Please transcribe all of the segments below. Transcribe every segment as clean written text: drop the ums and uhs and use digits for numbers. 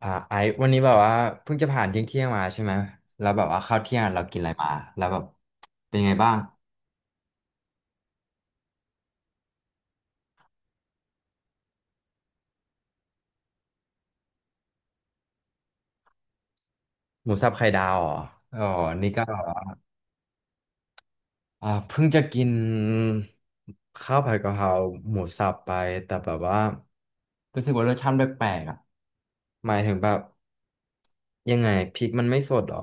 ไอซ์วันนี้แบบว่าเพิ่งจะผ่านเที่ยงมาใช่ไหมแล้วแบบว่าข้าวเที่ยงเรากินอะไรมาแล้วแบบเป็นไงบ้างหมูสับไข่ดาวเหรออ๋อนี่ก็ เพิ่งจะกินข้าวผัดกะเพราหมูสับไปแต่แบบว่ารู้สึกว่ารสชาติแปลกๆอ่ะหมายถึงแบบยังไงพริกมันไม่สดหรอ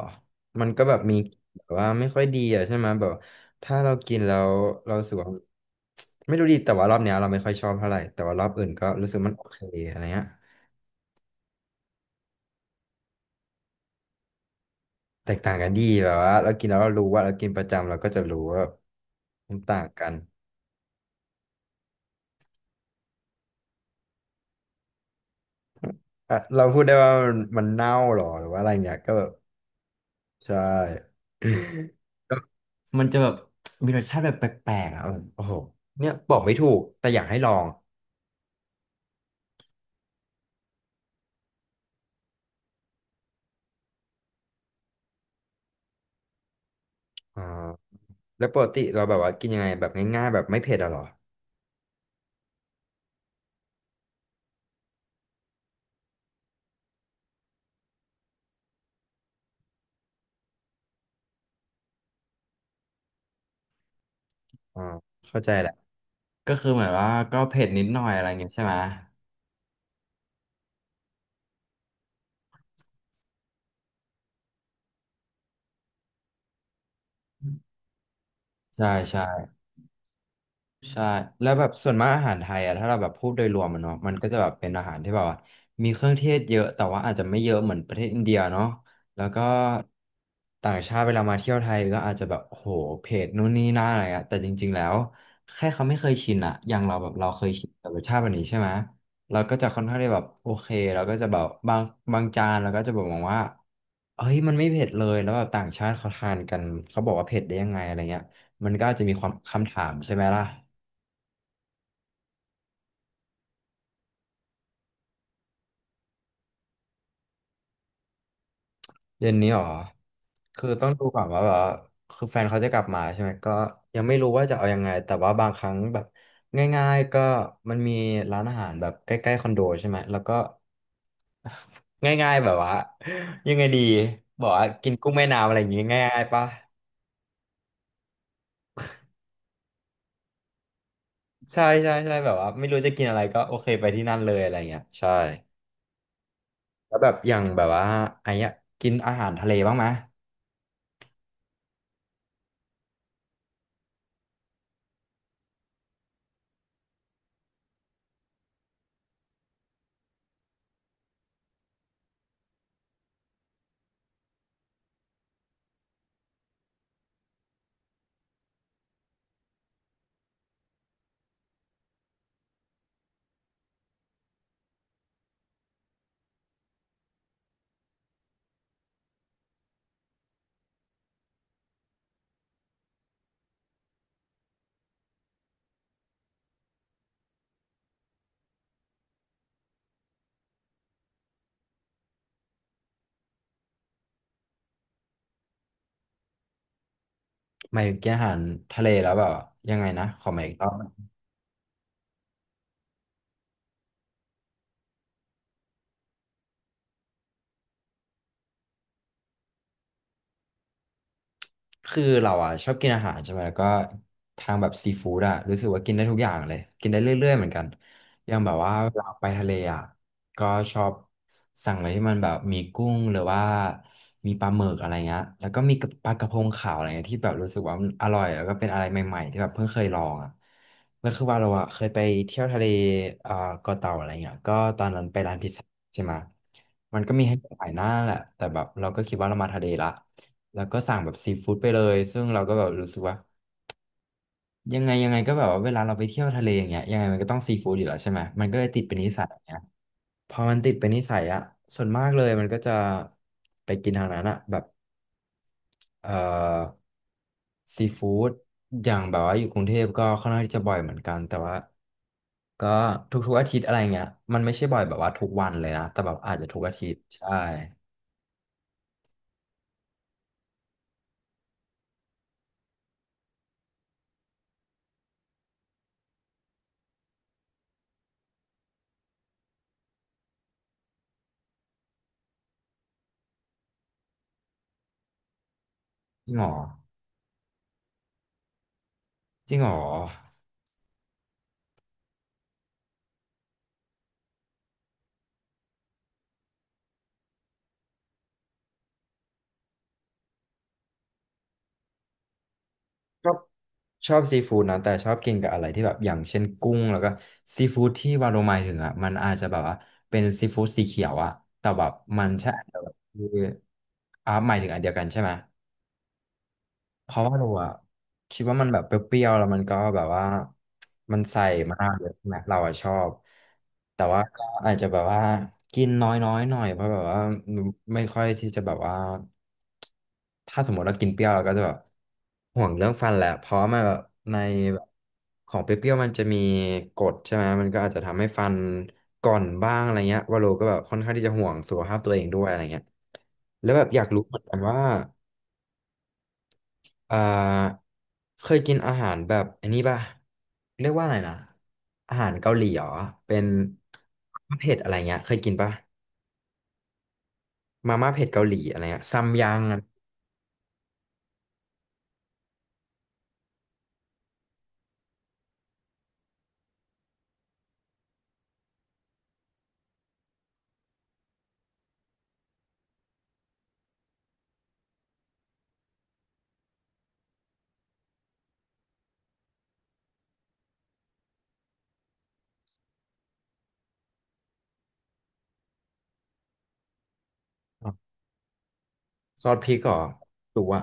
มันก็แบบมีแบบว่าไม่ค่อยดีอ่ะใช่ไหมแบบถ้าเรากินแล้วเรารู้สึกว่าไม่รู้ดีแต่ว่ารอบเนี้ยเราไม่ค่อยชอบเท่าไหร่แต่ว่ารอบอื่นก็รู้สึกมันโอเคอะไรเงี้ยแตกต่างกันดีแบบว่าเรากินแล้วเรารู้ว่าเรากินประจำเราก็จะรู้ว่ามันต่างกัน อ่ะเราพูดได้ว่ามันเน่าหรอหรือว่าอะไรเงี้ยก็แบบใช่ มันจะแบบมีรสชาติแบบแปลกๆอ่ะแบบโอ้โหเนี่ยบอกไม่ถูกแต่อยากให้ลองอ่าแล้วปกติเราแบบว่ากินยังไงแบบง่ายๆแบบไม่เผ็ดอะเหรออ่าเข้าใจแหละก็คือเหมือนว่าก็เผ็ดนิดหน่อยอะไรเงี้ยใช่ไหมใช่ใช่ ใช่แล้วแบบส่วนมากอาหารไทยอะถ้าเราแบบพูดโดยรวมมันเนาะมันก็จะแบบเป็นอาหารที่แบบว่ามีเครื่องเทศเยอะแต่ว่าอาจจะไม่เยอะเหมือนประเทศอินเดียเนาะแล้วก็ต่างชาติเวลามาเที่ยวไทยก็อาจจะแบบโอ้โหเผ็ดนู่นนี่นั่นอะไรอะแต่จริงๆแล้วแค่เขาไม่เคยชินอะอย่างเราแบบเราเคยชินกับรสชาติแบบนี้ใช่ไหมเราก็จะค่อนข้างได้แบบโอเคเราก็จะแบบบางจานเราก็จะบอกว่าเฮ้ยมันไม่เผ็ดเลยแล้วแบบต่างชาติเขาทานกันเขาบอกว่าเผ็ดได้ยังไงอะไรเงี้ยมันก็อาจจะมีความคำถามใช่ไหมล่ะ เย็นนี้หรอคือต้องดูก่อนว่าแบบว่าคือแฟนเขาจะกลับมาใช่ไหม ก็ยังไม่รู้ว่าจะเอายังไง แต่ว่าบางครั้งแบบง่ายๆก็มันมีร้านอาหารแบบใกล้ๆคอนโดใช่ไหมแล้วก็ ง่ายๆแบบว่ายังไงดีบอกว่ากินกุ้งแม่น้ำอะไรอย่างงี้ง่ายๆปะใช่ใช่ใช่แบบว่าไม่รู้จะกินอะไรก็โอเคไปที่นั่นเลยอะไรเงี้ยใช่แล้วแบบอย่างแบบว่าไอ้เนี้ยกินอาหารทะเลบ้างไหมหมายถึงกินอาหารทะเลแล้วแบบว่ายังไงนะขอใหม่อีกรอบ คือเราอ่ะชอบกินอาหารใช่ไหมแล้วก็ทางแบบซีฟู้ดอ่ะรู้สึกว่ากินได้ทุกอย่างเลยกินได้เรื่อยๆเหมือนกันอย่างแบบว่าเวลาไปทะเลอ่ะก็ชอบสั่งอะไรที่มันแบบมีกุ้งหรือว่ามีปลาหมึกอะไรเงี้ยแล้วก็มีปลากระพงขาวอะไรเงี้ยที่แบบรู้สึกว่ามันอร่อยแล้วก็เป็นอะไรใหม่ๆที่แบบเพิ่งเคยลองอ่ะแล้วคือว่าเราอ่ะเคยไปเที่ยวทะเลอ่าเกาะเต่าอะไรเงี้ยก็ตอนนั้นไปร้านพิซซ่าใช่ไหมมันก็มีให้หลายหน้าแหละแต่แบบเราก็คิดว่าเรามาทะเลละ แล้วก็สั่งแบบซีฟู้ดไปเลยซึ่งเราก็แบบรู้สึกว่ายังไงก็แบบว่าเวลาเราไปเที่ยวทะเลอย่างเงี้ยยังไงมันก็ต้องซีฟู้ดอยู่แล้วใช่ไหมมันก็เลยติดเป็นนิสัยอย่างเงี้ยพอมันติดเป็นนิสัยอะส่วนมากเลยมันก็จะไปกินทางนั้นอะแบบเอ่อซีฟู้ดอย่างแบบว่าอยู่กรุงเทพก็ค่อนข้างที่จะบ่อยเหมือนกันแต่ว่าก็ทุกๆอาทิตย์อะไรเงี้ยมันไม่ใช่บ่อยแบบว่าทุกวันเลยนะแต่แบบอาจจะทุกอาทิตย์ใช่จริงเหรอจริงเหรอ ชอบชอบซีฟู้ดนะแต่ชอบกินกับอะไรที่แบบอย่างเช่นกุ้งแล้วก็ซีฟู้ดที่วาโรหมายถึงอ่ะมันอาจจะแบบว่าเป็นซีฟู้ดสีเขียวอ่ะแต่แบบมันใช่อันเดียวกับที่อ่าหมายถึงอันเดียวกันใช่ไหม เพราะว่าเราอะคิดว่ามันแบบเปรี้ยวๆแล้วมันก็แบบว่ามันใส่มากเลยใช่ไหมเราอะชอบแต่ว่าก็อาจจะแบบว่ากินน้อยๆหน่อยเพราะแบบว่าไม่ค่อยที่จะแบบว่าถ้าสมมติเรากินเปรี้ยวเราก็จะแบบห่วงเรื่องฟันแหละเพราะว่ามันแบบในแบบของเปรี้ยวๆมันจะมีกรดใช่ไหมมันก็อาจจะทำให้ฟันก่อนบ้างอะไรเงี้ยว่าโลก็แบบค่อนข้างที่จะห่วงสุขภาพตัวเองด้วยอะไรเงี้ยแล้วแบบอยากรู้เหมือนกันว่า อ่าเคยกินอาหารแบบอันนี้ป่ะเรียกว่าอะไรนะอาหารเกาหลีเหรอเป็นม่าเผ็ดอะไรเงี้ยเคยกินป่ะมาม่าเผ็ดเกาหลีอะไรเงี้ยซัมยังอะซอสพริกเหรอหรือว่า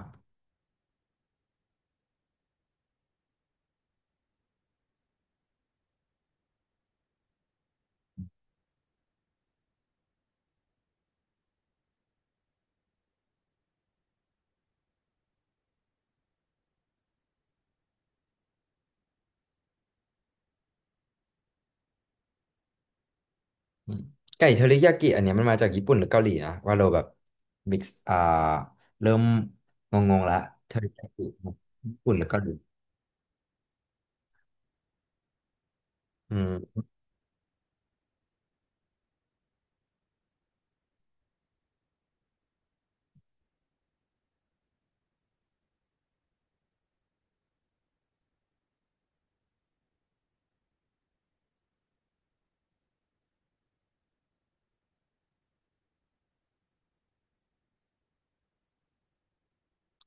อืมไก่เทอริยากิอันเนี้ยมันมาจากญี่ปุ่นหรือเกาหลีนะว่าเราแบบมิกซ์อ่าเริ่มงงๆละเทอริยากิญี่ปุ่นหรือเกาหลีอืม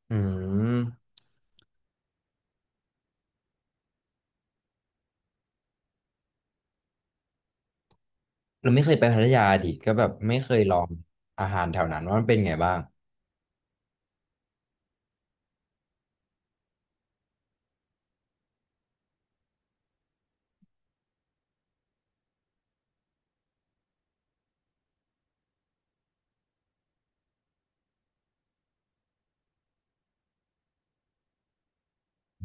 อืมเราไม่เคยไปพัทยาดิก็แบบไม่เคยลองอาหารแถวนั้นว่ามันเป็นไงบ้าง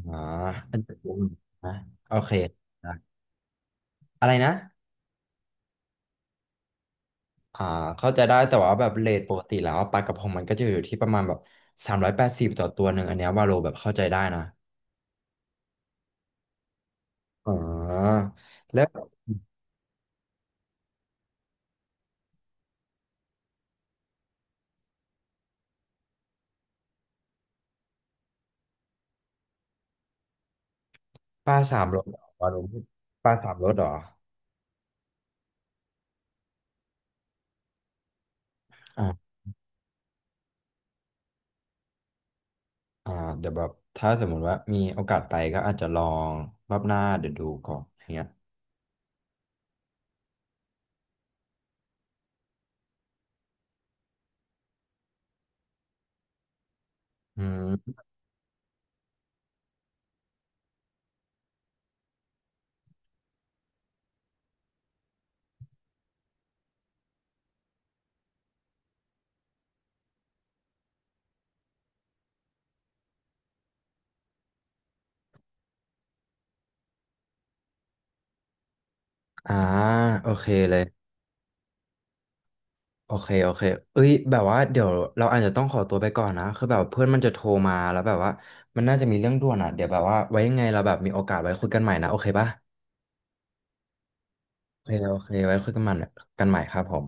อ่าอันนี้ผมนะโอเคนะอะไรนะอ่าเข้าใจได้แต่ว่าแบบเรทปกติแล้วปลากระพงมันก็จะอยู่ที่ประมาณแบบ380ต่อตัวหนึ่งอันเนี้ยวาโลแบบเข้าใจได้นะอ๋อแล้วปลาสามรสเหรอวาโลปลาสามรสเหรออ่าอ่าเดี๋ยวแบบถ้าสมมุติว่ามีโอกาสไปก็อาจจะลองรอบหน้าเดี๋ยวดูก่อนอย่างเงี้ยอืมอ่าโอเคเลย โอเคโอเค เอ้ยแบบว่าเดี๋ยวเราอาจจะต้องขอตัวไปก่อนนะคือแบบเพื่อนมันจะโทรมาแล้วแบบว่ามันน่าจะมีเรื่องด่วนอ่ะเดี๋ยวแบบว่าไว้ยังไงเราแบบมีโอกาสไว้คุยกันใหม่นะ โอเคป่ะโอเคโอเค ไว้คุยกันใหม่กันใหม่ครับผม